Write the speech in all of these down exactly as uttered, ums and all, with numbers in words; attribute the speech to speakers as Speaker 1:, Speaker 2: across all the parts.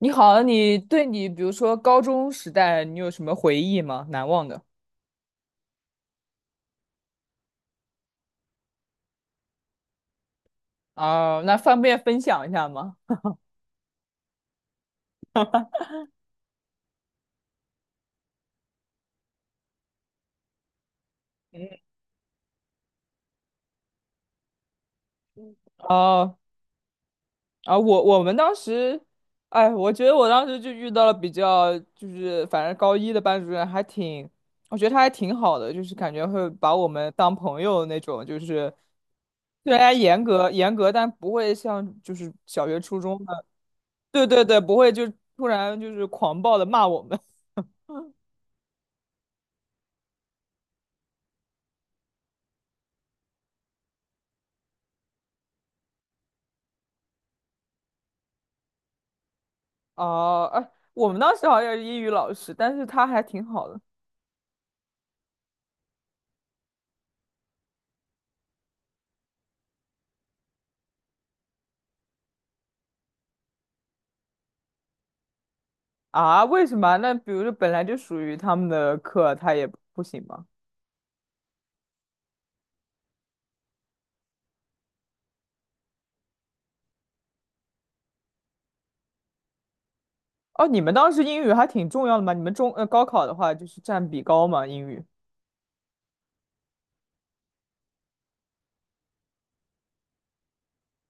Speaker 1: 你好，你对你比如说高中时代，你有什么回忆吗？难忘的？啊、那方便分享一下吗？哦、啊，我我们当时，哎，我觉得我当时就遇到了比较，就是反正高一的班主任还挺，我觉得他还挺好的，就是感觉会把我们当朋友那种，就是虽然严格严格，但不会像就是小学初中的，对对对，不会就突然就是狂暴的骂我们。哦，哎，我们当时好像也是英语老师，但是他还挺好的。啊？为什么啊那比如说本来就属于他们的课，他也不行吗？哦，你们当时英语还挺重要的嘛？你们中呃高考的话就是占比高嘛，英语。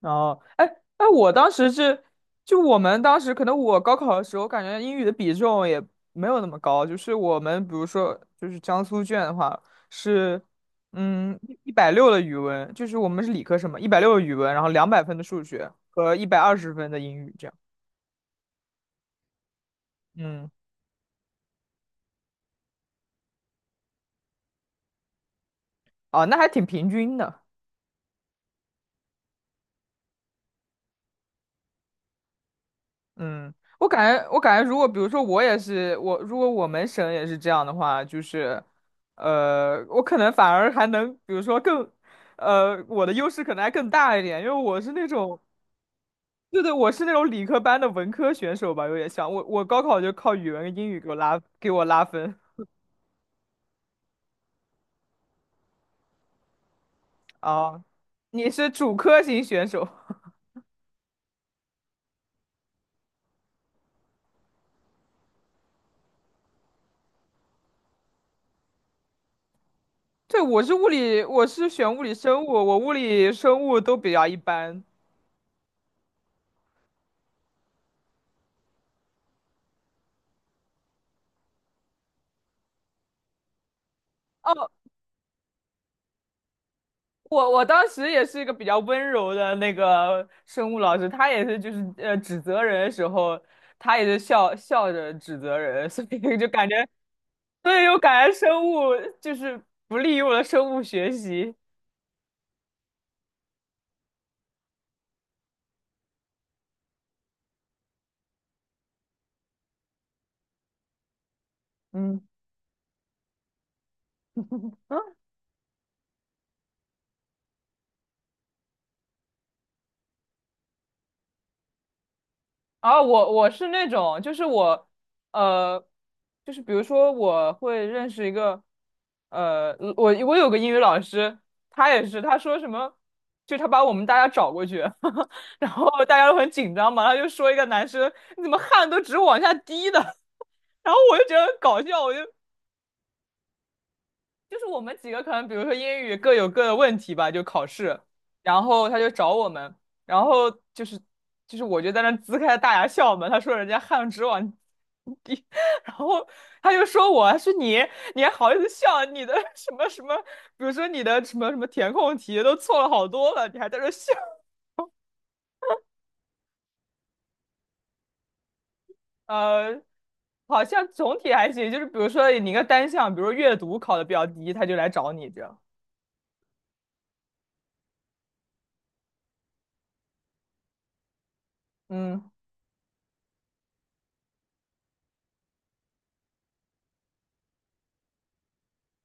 Speaker 1: 哦，哎哎，我当时是，就我们当时可能我高考的时候，感觉英语的比重也没有那么高，就是我们比如说就是江苏卷的话是，嗯，一百六的语文，就是我们是理科生嘛，一百六的语文，然后两百分的数学和一百二十分的英语这样，嗯，哦，那还挺平均的，嗯，我感觉，我感觉，如果比如说我也是我，如果我们省也是这样的话，就是，呃，我可能反而还能，比如说更，呃，我的优势可能还更大一点，因为我是那种，对对，我是那种理科班的文科选手吧，有点像我，我高考就靠语文跟英语给我拉给我拉分。啊。你是主科型选手，对，我是物理，我是选物理生物，我物理生物都比较一般。哦。我我当时也是一个比较温柔的那个生物老师，他也是就是呃指责人的时候，他也是笑笑着指责人，所以就感觉，所以又感觉生物就是不利于我的生物学习。嗯，啊，我我是那种，就是我，呃，就是比如说我会认识一个，呃，我我有个英语老师，他也是，他说什么，就他把我们大家找过去，然后大家都很紧张嘛，他就说一个男生，你怎么汗都直往下滴的，然后我就觉得很搞笑，我就就是我们几个可能，比如说英语各有各的问题吧，就考试，然后他就找我们，然后就是就是我就在那呲开大牙笑嘛，他说人家汗直往地，然后他就说我他说你你还好意思笑，你的 什么什么，比如说你的什么什么填空题都错了好多了，你还在这笑，呃，好像总体还行，就是比如说你一个单项，比如说阅读考的比较低，他就来找你这样，嗯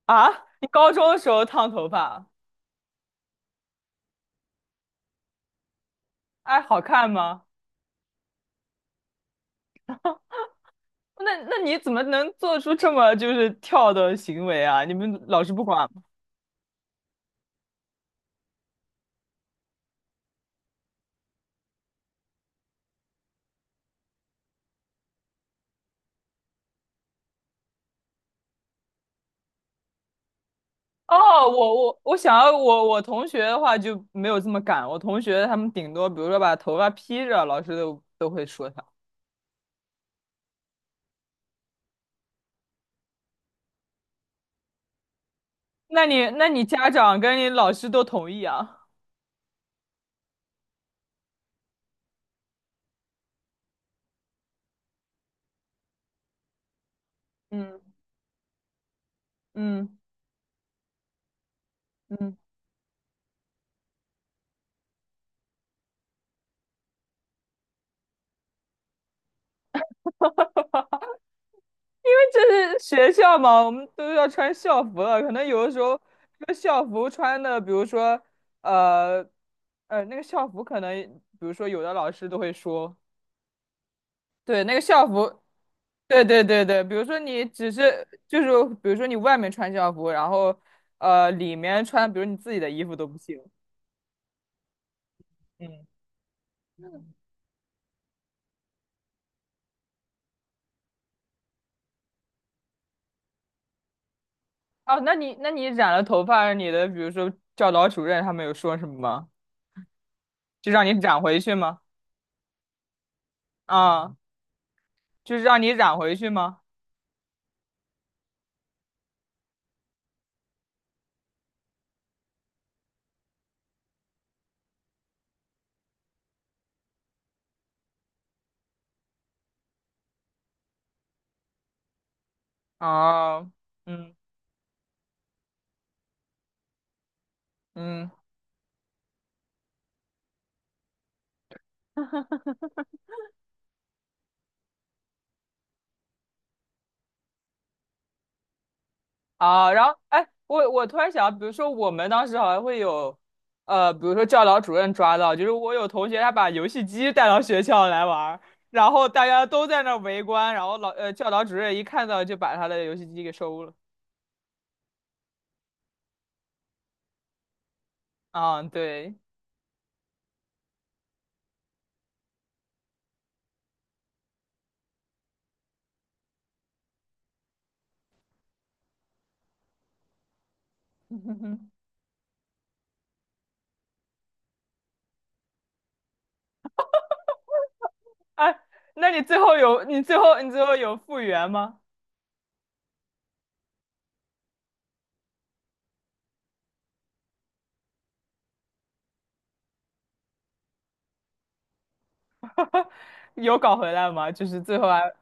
Speaker 1: 啊，你高中的时候烫头发。哎，好看吗？那那你怎么能做出这么就是跳的行为啊？你们老师不管吗？哦，我我我想要我我同学的话就没有这么敢，我同学他们顶多比如说把头发披着，老师都都会说他。那你那你家长跟你老师都同意啊？嗯嗯嗯。因为这是学校嘛，我们都要穿校服了。可能有的时候，这个校服穿的，比如说，呃，呃，那个校服可能，比如说有的老师都会说，对，那个校服，对对对对，比如说你只是就是，比如说你外面穿校服，然后呃里面穿，比如你自己的衣服都不行。嗯，哦，那你那你染了头发，你的比如说教导主任他们有说什么吗？就让你染回去吗？啊，就是让你染回去吗？哦，嗯嗯啊，然后哎，我我突然想到，比如说我们当时好像会有，呃，比如说教导主任抓到，就是我有同学他把游戏机带到学校来玩儿，然后大家都在那儿围观，然后老呃教导主任一看到就把他的游戏机给收了。啊，对，哎，那你最后有你最后你最后有复原吗？有搞回来吗？就是最后还。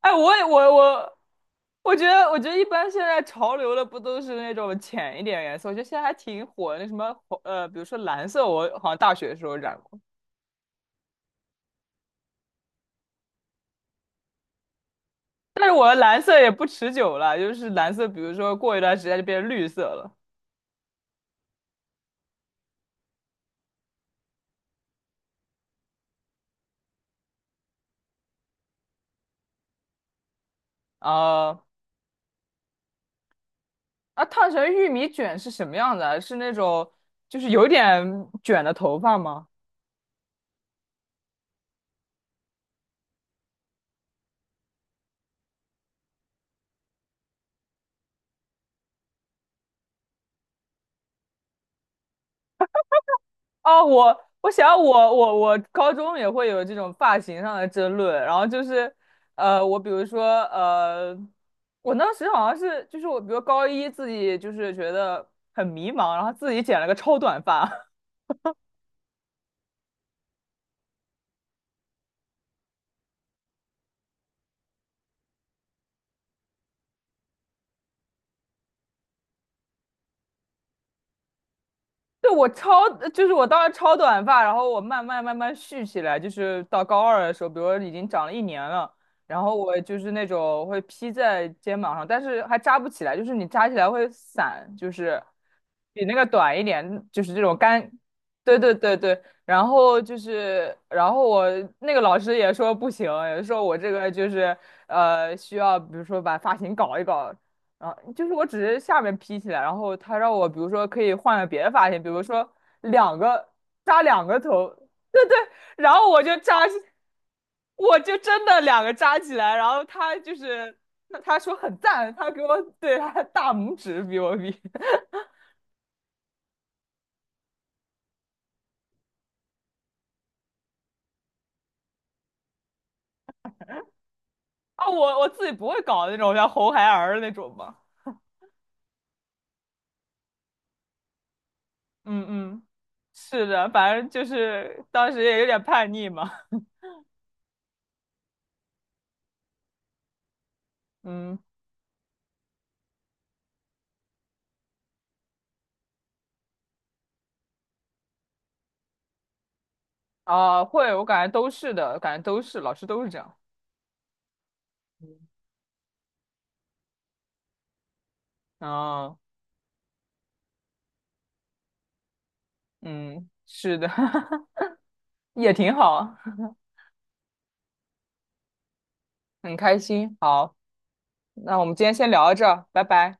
Speaker 1: 哎，我也我我，我觉得我觉得一般现在潮流的不都是那种浅一点颜色？我觉得现在还挺火的，那什么红呃，比如说蓝色，我好像大学的时候染过，但是我的蓝色也不持久了，就是蓝色，比如说过一段时间就变成绿色了。啊、啊，烫成玉米卷是什么样的？是那种就是有点卷的头发吗？哦，我我想我我我高中也会有这种发型上的争论，然后就是，呃，我比如说呃，我当时好像是就是我比如高一自己就是觉得很迷茫，然后自己剪了个超短发，对，我超，就是我当时超短发，然后我慢慢慢慢蓄起来，就是到高二的时候，比如说已经长了一年了，然后我就是那种会披在肩膀上，但是还扎不起来，就是你扎起来会散，就是比那个短一点，就是这种干，对对对对，然后就是，然后我那个老师也说不行，也说我这个就是呃需要，比如说把发型搞一搞，啊，就是我只是下面披起来，然后他让我比如说可以换个别的发型，比如说两个扎两个头，对对，然后我就扎起我就真的两个扎起来，然后他就是他他说很赞，他给我对他大拇指比我比 啊，我我自己不会搞那种像红孩儿的那种嘛，嗯嗯，是的，反正就是当时也有点叛逆嘛，嗯啊会，我感觉都是的，感觉都是老师都是这样。啊。嗯，是的，也挺好，很开心。好，那我们今天先聊到这儿，拜拜。